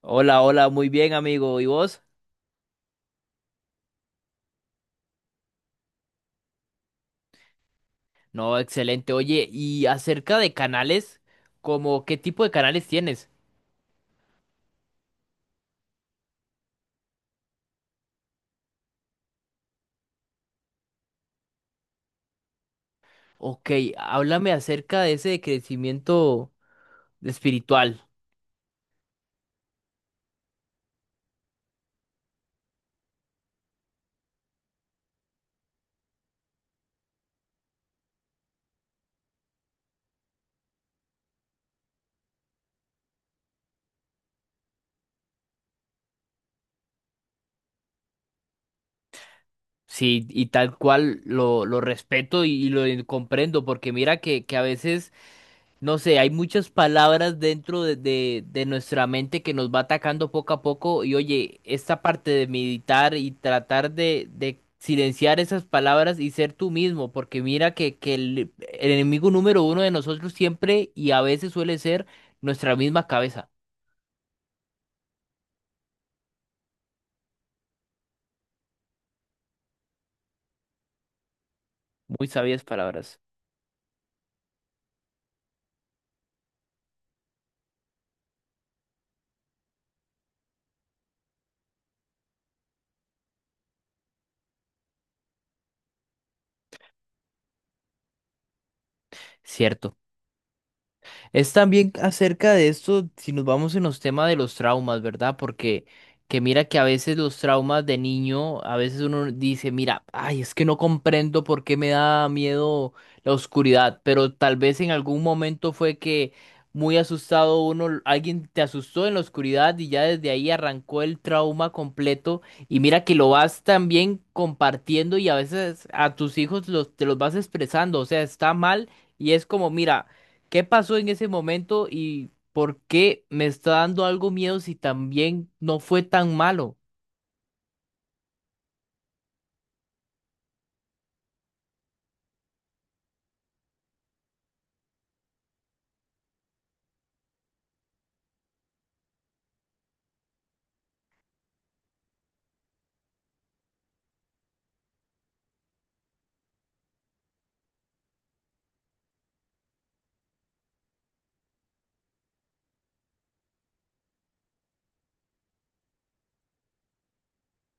Hola, hola, muy bien, amigo. ¿Y vos? No, excelente. Oye, y acerca de canales, ¿como qué tipo de canales tienes? Ok, háblame acerca de ese crecimiento espiritual. Sí, y tal cual lo respeto y lo comprendo, porque mira que a veces no sé, hay muchas palabras dentro de nuestra mente que nos va atacando poco a poco y oye, esta parte de meditar y tratar de silenciar esas palabras y ser tú mismo, porque mira que el enemigo número uno de nosotros siempre y a veces suele ser nuestra misma cabeza. Muy sabias palabras. Cierto. Es también acerca de esto, si nos vamos en los temas de los traumas, ¿verdad? Porque que mira que a veces los traumas de niño, a veces uno dice, mira, ay, es que no comprendo por qué me da miedo la oscuridad, pero tal vez en algún momento fue que muy asustado uno, alguien te asustó en la oscuridad y ya desde ahí arrancó el trauma completo y mira que lo vas también compartiendo y a veces a tus hijos te los vas expresando, o sea, está mal. Y es como, mira, ¿qué pasó en ese momento y por qué me está dando algo miedo si también no fue tan malo?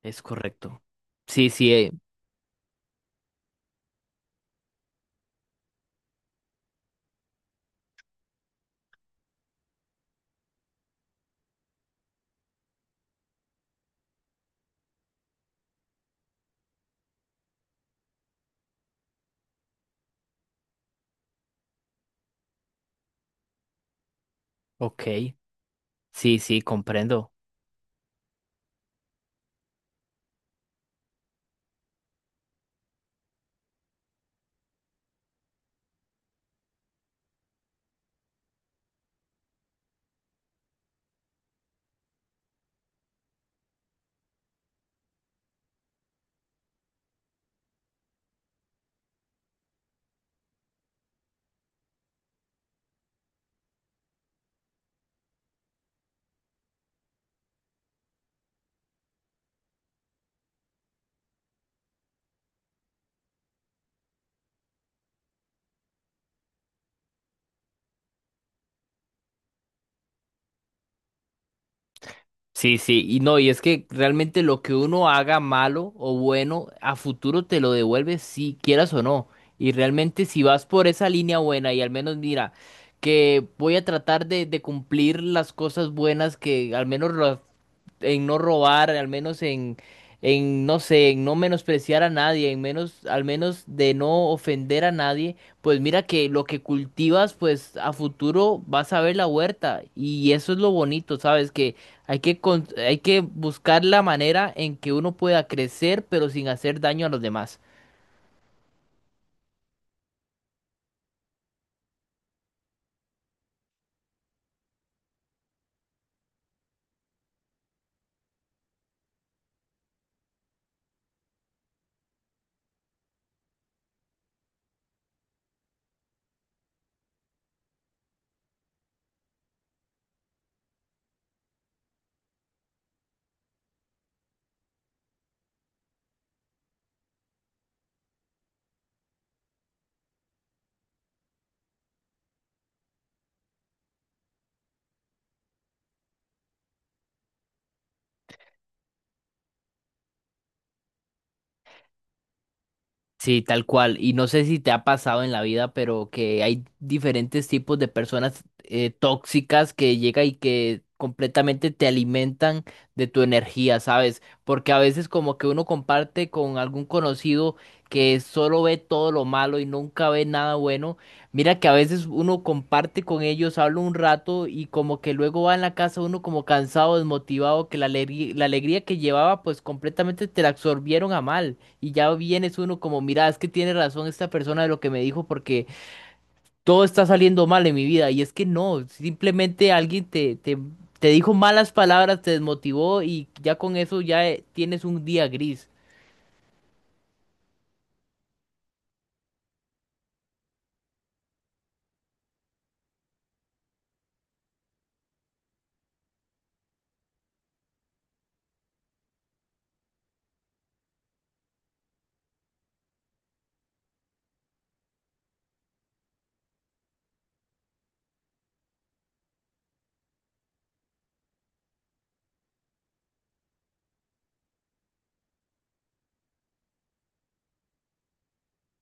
Es correcto. Sí, sí, OK. Sí, sí, comprendo. Sí, sí, y no, y es que realmente lo que uno haga malo o bueno, a futuro te lo devuelve si quieras o no. Y realmente si vas por esa línea buena y al menos mira, que voy a tratar de cumplir las cosas buenas que al menos las en no robar, al menos en, no sé, en no menospreciar a nadie, en menos, al menos de no ofender a nadie, pues mira que lo que cultivas, pues a futuro vas a ver la huerta. Y eso es lo bonito, ¿sabes? Que hay que buscar la manera en que uno pueda crecer, pero sin hacer daño a los demás. Sí, tal cual. Y no sé si te ha pasado en la vida, pero que hay diferentes tipos de personas tóxicas que llega y que completamente te alimentan de tu energía, ¿sabes? Porque a veces como que uno comparte con algún conocido que solo ve todo lo malo y nunca ve nada bueno. Mira que a veces uno comparte con ellos, habla un rato y como que luego va en la casa uno como cansado, desmotivado, que la alegría que llevaba pues completamente te la absorbieron a mal. Y ya vienes uno como, mira, es que tiene razón esta persona de lo que me dijo porque todo está saliendo mal en mi vida. Y es que no, simplemente alguien te dijo malas palabras, te desmotivó y ya con eso ya tienes un día gris.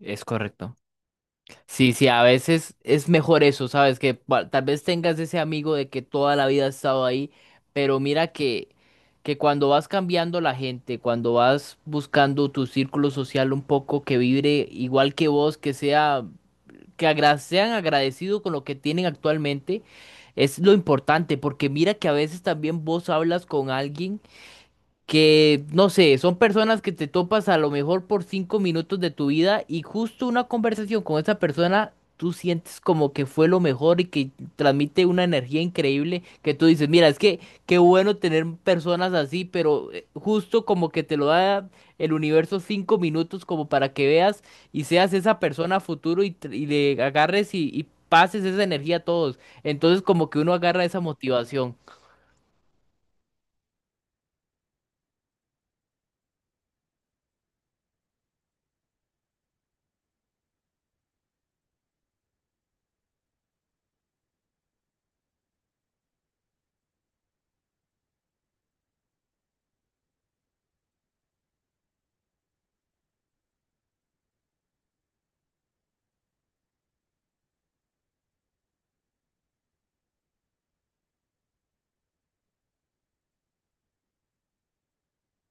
Es correcto. Sí, sí, a veces es mejor eso, ¿sabes? Que tal vez tengas ese amigo de que toda la vida ha estado ahí, pero mira que cuando vas cambiando la gente, cuando vas buscando tu círculo social un poco que vibre igual que vos, que sean agradecidos con lo que tienen actualmente es lo importante, porque mira que a veces también vos hablas con alguien que, no sé, son personas que te topas a lo mejor por 5 minutos de tu vida y justo una conversación con esa persona, tú sientes como que fue lo mejor y que transmite una energía increíble que tú dices, mira, es que qué bueno tener personas así, pero justo como que te lo da el universo 5 minutos como para que veas y seas esa persona a futuro y le agarres y pases esa energía a todos. Entonces como que uno agarra esa motivación.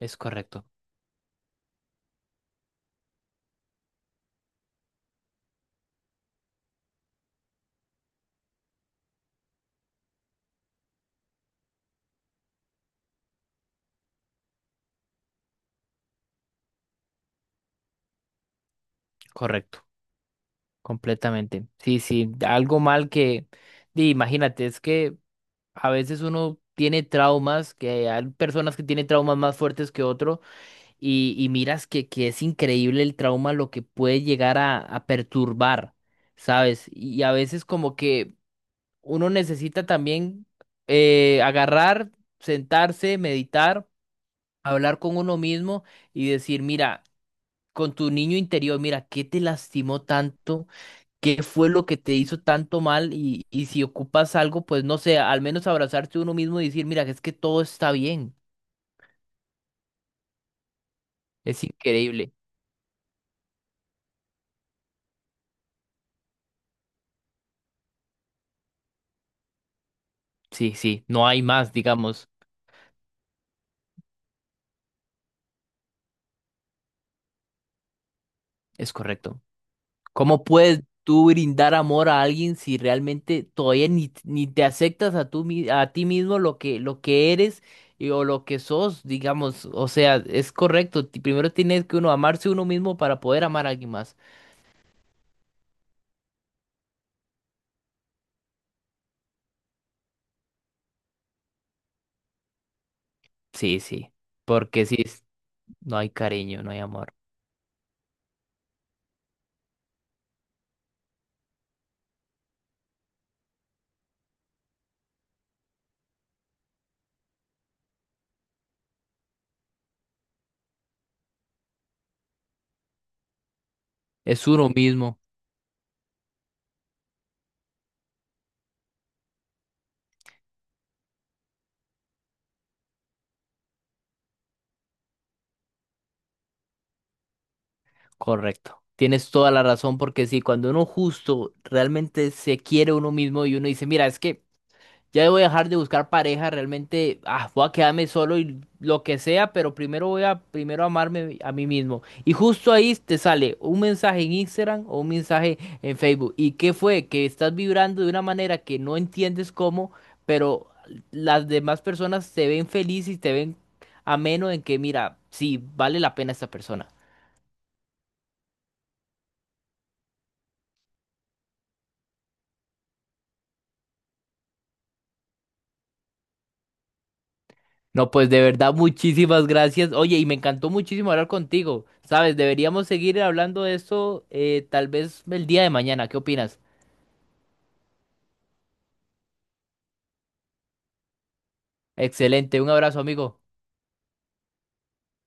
Es correcto, correcto. Completamente. Sí, sí, algo mal imagínate, es que a veces uno tiene traumas, que hay personas que tienen traumas más fuertes que otro, y miras que es increíble el trauma lo que puede llegar a perturbar, ¿sabes? Y a veces como que uno necesita también agarrar, sentarse, meditar, hablar con uno mismo y decir, mira, con tu niño interior, mira, ¿qué te lastimó tanto? Qué fue lo que te hizo tanto mal y si ocupas algo, pues no sé, al menos abrazarse uno mismo y decir, mira, es que todo está bien. Es increíble. Sí, sí, no hay más, digamos. Es correcto. ¿Cómo puedes tú brindar amor a alguien si realmente todavía ni te aceptas a ti mismo lo que eres o lo que sos, digamos? O sea, es correcto. Primero tienes que uno amarse uno mismo para poder amar a alguien más. Sí, sí, porque no hay cariño, no hay amor. Es uno mismo, correcto. Tienes toda la razón porque sí, cuando uno justo realmente se quiere uno mismo y uno dice, mira, es que ya voy a dejar de buscar pareja, realmente voy a quedarme solo y lo que sea, pero primero voy a primero amarme a mí mismo. Y justo ahí te sale un mensaje en Instagram o un mensaje en Facebook. ¿Y qué fue? Que estás vibrando de una manera que no entiendes cómo, pero las demás personas te ven feliz y te ven ameno en que, mira, sí, vale la pena esta persona. No, pues de verdad, muchísimas gracias. Oye, y me encantó muchísimo hablar contigo. Sabes, deberíamos seguir hablando de esto tal vez el día de mañana. ¿Qué opinas? Excelente, un abrazo, amigo.